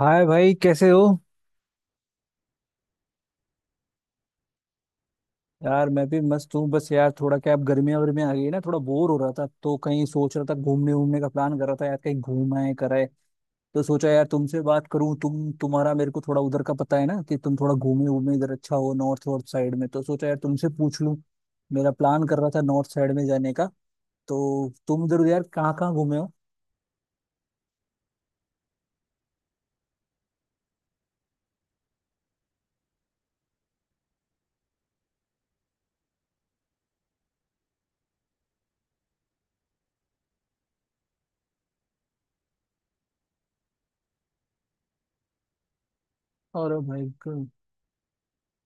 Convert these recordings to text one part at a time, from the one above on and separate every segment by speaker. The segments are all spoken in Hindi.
Speaker 1: हाय भाई कैसे हो। यार मैं भी मस्त हूँ। बस यार थोड़ा क्या, अब गर्मियाँ वर्मियाँ आ गई ना, थोड़ा बोर हो रहा था तो कहीं सोच रहा था घूमने वूमने का प्लान कर रहा था। यार कहीं घूम आए कराए तो सोचा यार तुमसे बात करूँ। तुम्हारा मेरे को थोड़ा उधर का पता है ना, कि तुम थोड़ा घूमे वूमे इधर, अच्छा हो नॉर्थ वॉर्थ साइड में, तो सोचा यार तुमसे पूछ लूँ। मेरा प्लान कर रहा था नॉर्थ साइड में जाने का। तो तुम इधर यार कहाँ कहाँ घूमे हो? और भाई ग,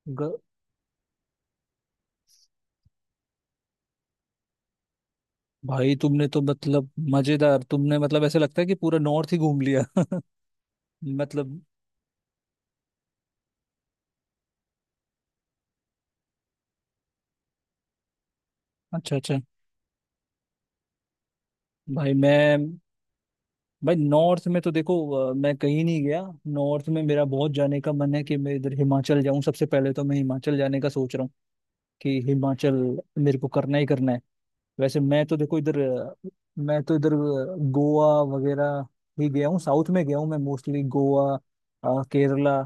Speaker 1: ग, भाई तुमने तो, मतलब मजेदार, तुमने मतलब ऐसे लगता है कि पूरा नॉर्थ ही घूम लिया मतलब। अच्छा अच्छा। भाई मैं, भाई नॉर्थ में तो देखो मैं कहीं नहीं गया। नॉर्थ में मेरा बहुत जाने का मन है कि मैं इधर हिमाचल जाऊं, सबसे पहले तो मैं हिमाचल जाने का सोच रहा हूँ कि हिमाचल मेरे को करना ही करना है। वैसे मैं तो देखो इधर मैं तो इधर गोवा वगैरह ही गया हूँ। साउथ में गया हूँ मैं, मोस्टली गोवा, केरला।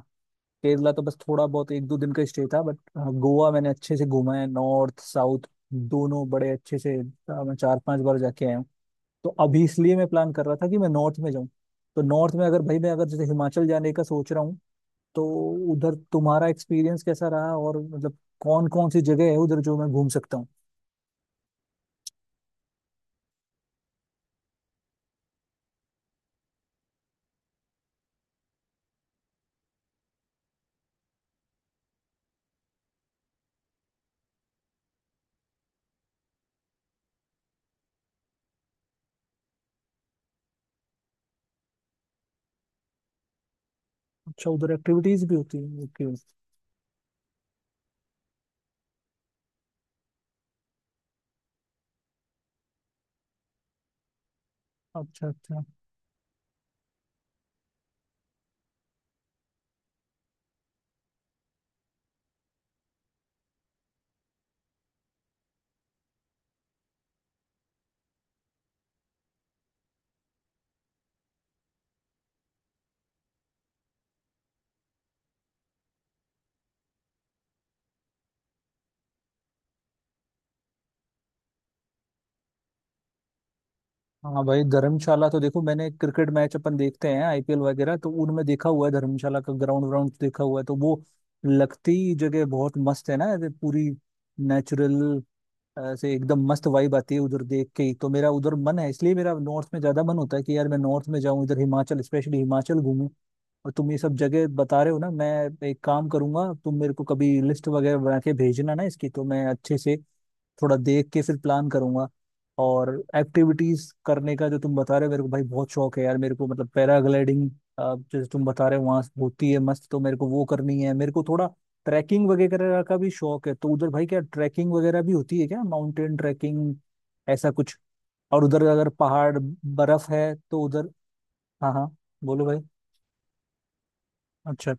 Speaker 1: केरला तो बस थोड़ा बहुत एक दो दिन का स्टे था, बट हाँ, गोवा मैंने अच्छे से घूमा है, नॉर्थ साउथ दोनों बड़े अच्छे से, मैं चार पांच बार जाके आया हूँ। तो अभी इसलिए मैं प्लान कर रहा था कि मैं नॉर्थ में जाऊँ। तो नॉर्थ में अगर, भाई मैं अगर जैसे हिमाचल जाने का सोच रहा हूँ, तो उधर तुम्हारा एक्सपीरियंस कैसा रहा और मतलब कौन कौन सी जगह है उधर जो मैं घूम सकता हूँ? अच्छा, उधर एक्टिविटीज भी होती है, ओके। अच्छा अच्छा। हाँ भाई, धर्मशाला तो देखो मैंने, क्रिकेट मैच अपन देखते हैं आईपीएल वगैरह तो उनमें देखा हुआ है धर्मशाला का ग्राउंड व्राउंड देखा हुआ है। तो वो लगती जगह बहुत मस्त है ना ऐसे, पूरी नेचुरल, ऐसे एकदम मस्त वाइब आती है उधर देख के ही। तो मेरा उधर मन है, इसलिए मेरा नॉर्थ में ज्यादा मन होता है कि यार मैं नॉर्थ में जाऊं इधर, हिमाचल स्पेशली हिमाचल घूमूं। और तुम ये सब जगह बता रहे हो ना, मैं एक काम करूंगा, तुम मेरे को कभी लिस्ट वगैरह बना के भेजना ना इसकी, तो मैं अच्छे से थोड़ा देख के फिर प्लान करूंगा। और एक्टिविटीज करने का जो तुम बता रहे हो, मेरे को भाई बहुत शौक है यार मेरे को, मतलब पैराग्लाइडिंग जैसे तुम बता रहे हो वहां होती है मस्त, तो मेरे को वो करनी है। मेरे को थोड़ा ट्रैकिंग वगैरह का भी शौक है, तो उधर भाई क्या ट्रैकिंग वगैरह भी होती है क्या, माउंटेन ट्रैकिंग ऐसा कुछ? और उधर अगर पहाड़ बर्फ है तो उधर। हाँ हाँ, बोलो भाई। अच्छा।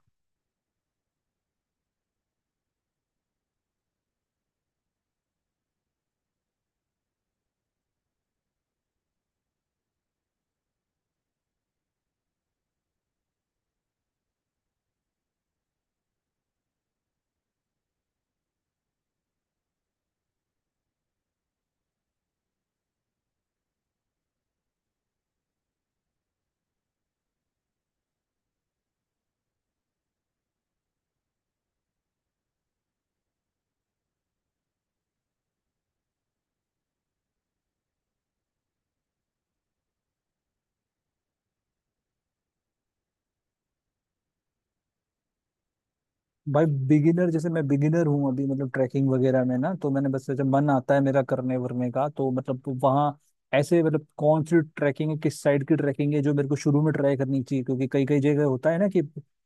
Speaker 1: भाई बिगिनर, जैसे मैं बिगिनर हूँ अभी मतलब ट्रैकिंग वगैरह में ना, तो मैंने बस जब मन आता है मेरा करने वरने का, तो मतलब वहाँ ऐसे, मतलब कौन सी ट्रैकिंग है, किस साइड की ट्रैकिंग है जो मेरे को शुरू में ट्राई करनी चाहिए? क्योंकि कई कई जगह होता है ना कि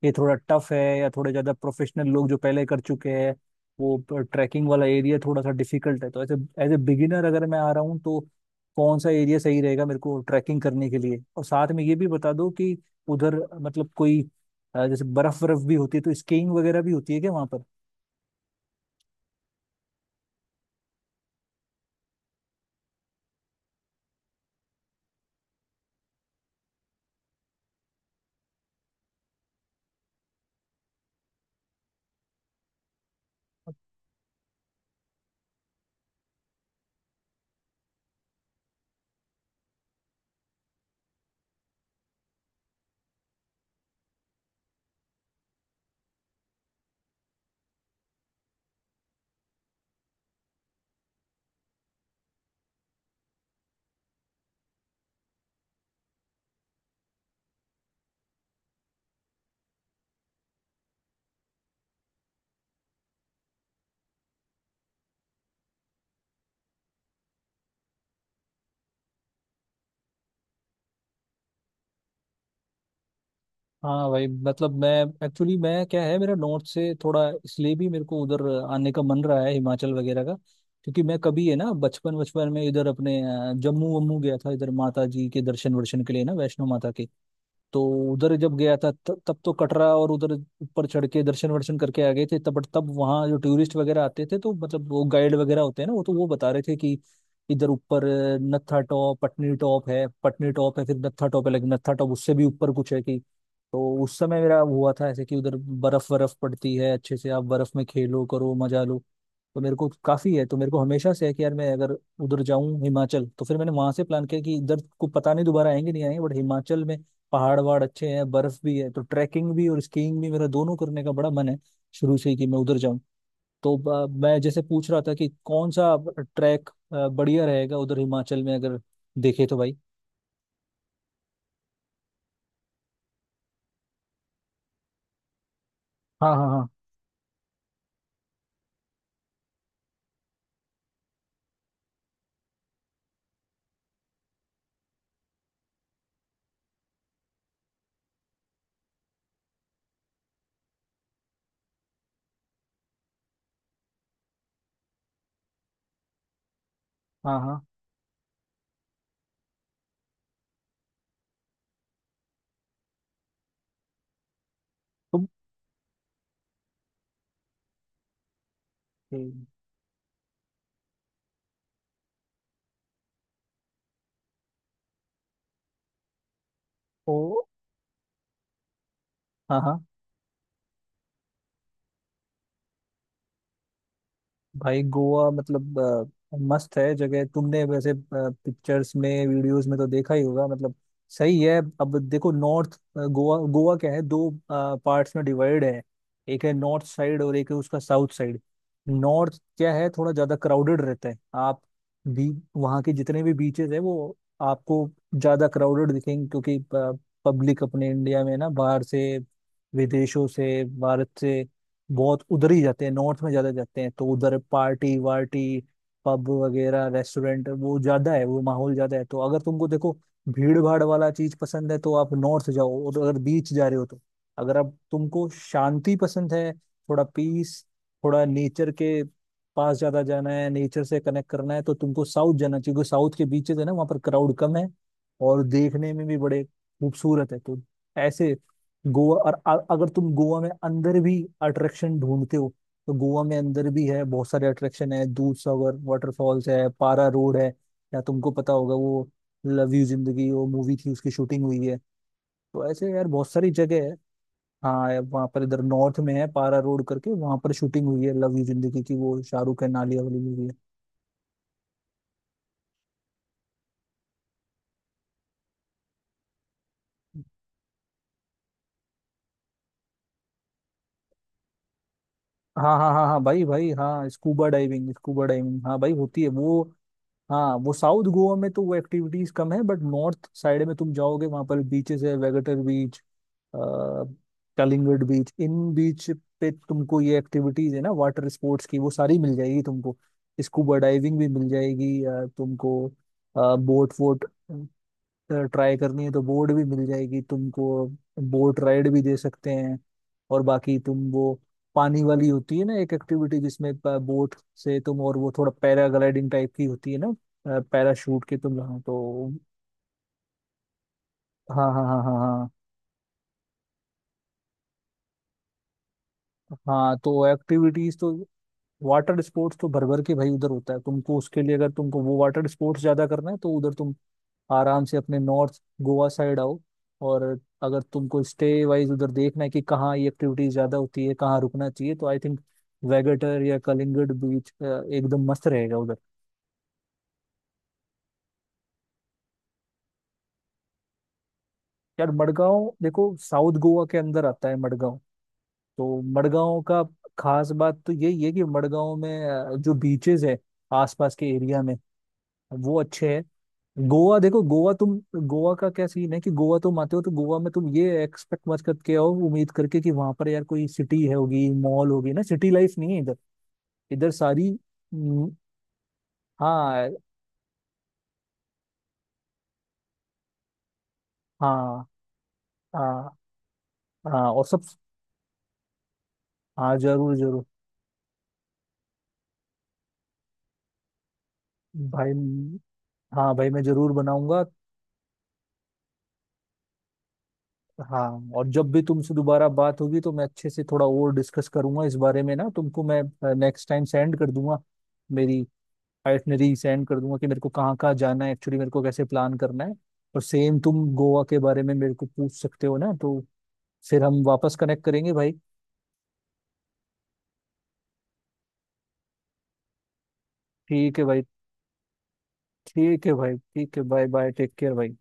Speaker 1: ये थोड़ा टफ है या थोड़े ज्यादा प्रोफेशनल लोग जो पहले कर चुके हैं, वो ट्रैकिंग वाला एरिया थोड़ा सा डिफिकल्ट है। तो ऐसे एज ए बिगिनर अगर मैं आ रहा हूँ तो कौन सा एरिया सही रहेगा मेरे को ट्रैकिंग करने के लिए? और साथ में ये भी बता दो कि उधर मतलब कोई जैसे बर्फ बर्फ भी होती है तो स्कीइंग वगैरह भी होती है क्या वहाँ पर? हाँ भाई, मतलब मैं एक्चुअली, मैं क्या है मेरा नॉर्थ से थोड़ा इसलिए भी मेरे को उधर आने का मन रहा है हिमाचल वगैरह का। क्योंकि मैं कभी है ना बचपन बचपन में इधर अपने जम्मू वम्मू गया था इधर, माता जी के दर्शन वर्शन के लिए ना, वैष्णो माता के। तो उधर जब गया था तब तो कटरा, और उधर ऊपर चढ़ के दर्शन वर्शन करके आ गए थे तब। बट तब वहाँ जो टूरिस्ट वगैरह आते थे तो मतलब वो गाइड वगैरह होते हैं ना, वो तो वो बता रहे थे कि इधर ऊपर नत्था टॉप पटनी टॉप है, पटनी टॉप है फिर नत्था टॉप है, लेकिन नत्था टॉप उससे भी ऊपर कुछ है। कि तो उस समय मेरा हुआ था ऐसे कि उधर बर्फ बर्फ पड़ती है अच्छे से, आप बर्फ में खेलो करो मजा लो। तो मेरे को काफी है, तो मेरे को हमेशा से है कि यार मैं अगर उधर जाऊं हिमाचल। तो फिर मैंने वहां से प्लान किया कि इधर को पता नहीं दोबारा आएंगे नहीं आएंगे, बट हिमाचल में पहाड़ वहाड़ अच्छे हैं, बर्फ भी है तो ट्रैकिंग भी और स्कीइंग भी, मेरा दोनों करने का बड़ा मन है शुरू से ही कि मैं उधर जाऊं। तो मैं जैसे पूछ रहा था कि कौन सा ट्रैक बढ़िया रहेगा उधर हिमाचल में अगर देखे तो, भाई? हाँ हाँ हाँ हाँ हाँ। तुम। ठीक। तो हाँ हाँ। भाई गोवा मतलब मस्त है जगह, तुमने वैसे पिक्चर्स में वीडियोस में तो देखा ही होगा मतलब, सही है। अब देखो नॉर्थ गोवा, गोवा क्या है दो पार्ट्स में डिवाइड है, एक है नॉर्थ साइड और एक है उसका साउथ साइड। नॉर्थ क्या है थोड़ा ज्यादा क्राउडेड रहता है, आप भी वहाँ के जितने भी बीचेस है वो आपको ज्यादा क्राउडेड दिखेंगे, क्योंकि पब्लिक अपने इंडिया में ना बाहर से विदेशों से भारत से बहुत उधर ही जाते हैं, नॉर्थ में ज्यादा जाते हैं, तो उधर पार्टी वार्टी पब वगैरह रेस्टोरेंट वो ज्यादा है, वो माहौल ज्यादा है। तो अगर तुमको देखो भीड़ भाड़ वाला चीज पसंद है तो आप नॉर्थ जाओ, और अगर बीच जा रहे हो तो, अगर आप, तुमको शांति पसंद है, थोड़ा पीस, थोड़ा नेचर के पास ज्यादा जाना है, नेचर से कनेक्ट करना है, तो तुमको साउथ जाना चाहिए, क्योंकि साउथ के बीचेस है ना वहाँ पर क्राउड कम है और देखने में भी बड़े खूबसूरत है। तो ऐसे गोवा, और अगर तुम गोवा में अंदर भी अट्रैक्शन ढूंढते हो तो गोवा में अंदर भी है, बहुत सारे अट्रैक्शन है, दूध सागर वाटरफॉल्स है, पारा रोड है, या तुमको पता होगा वो लव यू जिंदगी वो मूवी थी उसकी शूटिंग हुई है। तो ऐसे यार बहुत सारी जगह है। हाँ यार, वहाँ पर इधर नॉर्थ में है पारा रोड करके, वहाँ पर शूटिंग हुई है लव यू जिंदगी की, वो शाहरुख है नालिया वाली मूवी है। हाँ हाँ हाँ हाँ भाई भाई, हाँ स्कूबा डाइविंग, स्कूबा डाइविंग, हाँ भाई होती है वो। हाँ वो साउथ गोवा में तो वो एक्टिविटीज कम है, बट नॉर्थ साइड में तुम जाओगे वहां पर बीचेस है, वेगेटर बीच, कलिंगड बीच, इन बीच पे तुमको ये एक्टिविटीज है ना वाटर स्पोर्ट्स की वो सारी मिल जाएगी तुमको। स्कूबा डाइविंग भी मिल जाएगी, तुमको बोट वोट ट्राई करनी है तो बोर्ड भी मिल जाएगी तुमको, बोट राइड भी दे सकते हैं। और बाकी तुम वो पानी वाली होती है ना एक एक्टिविटी जिसमें बोट से तुम, और वो थोड़ा पैराग्लाइडिंग टाइप की होती है ना, पैराशूट के तुम, हाँ, तो। हाँ हाँ हाँ हाँ हाँ। हाँ तो एक्टिविटीज तो वाटर स्पोर्ट्स तो भर भर के भाई उधर होता है। तुमको उसके लिए अगर तुमको वो वाटर स्पोर्ट्स ज्यादा करना है तो उधर तुम आराम से अपने नॉर्थ गोवा साइड आओ। और अगर तुमको स्टे वाइज उधर देखना है कि कहाँ ये एक्टिविटीज ज्यादा होती है, कहाँ रुकना चाहिए, तो आई थिंक वेगेटर या कलिंगड बीच एकदम मस्त रहेगा उधर। यार मडगांव देखो साउथ गोवा के अंदर आता है मडगांव। तो मडगांव का खास बात तो यही है कि मडगांव में जो बीचेस है आसपास के एरिया में वो अच्छे हैं। गोवा देखो, गोवा तुम, गोवा का क्या सीन है कि गोवा तुम आते हो तो गोवा में तुम ये एक्सपेक्ट मत करके आओ, उम्मीद करके कि वहां पर यार कोई सिटी है होगी मॉल होगी, ना सिटी लाइफ नहीं है इधर। इधर सारी। हम्म, हाँ। हाँ हाँ हाँ, और सब। हाँ जरूर जरूर भाई। हाँ भाई मैं जरूर बनाऊंगा। हाँ, और जब भी तुमसे दोबारा बात होगी तो मैं अच्छे से थोड़ा और डिस्कस करूंगा इस बारे में ना तुमको, मैं नेक्स्ट टाइम सेंड कर दूंगा, मेरी आइटनरी सेंड कर दूंगा कि मेरे को कहाँ कहाँ जाना है, एक्चुअली मेरे को कैसे प्लान करना है। और सेम तुम गोवा के बारे में मेरे को पूछ सकते हो ना, तो फिर हम वापस कनेक्ट करेंगे भाई। ठीक है भाई, ठीक है भाई, ठीक है, बाय बाय, टेक केयर भाई।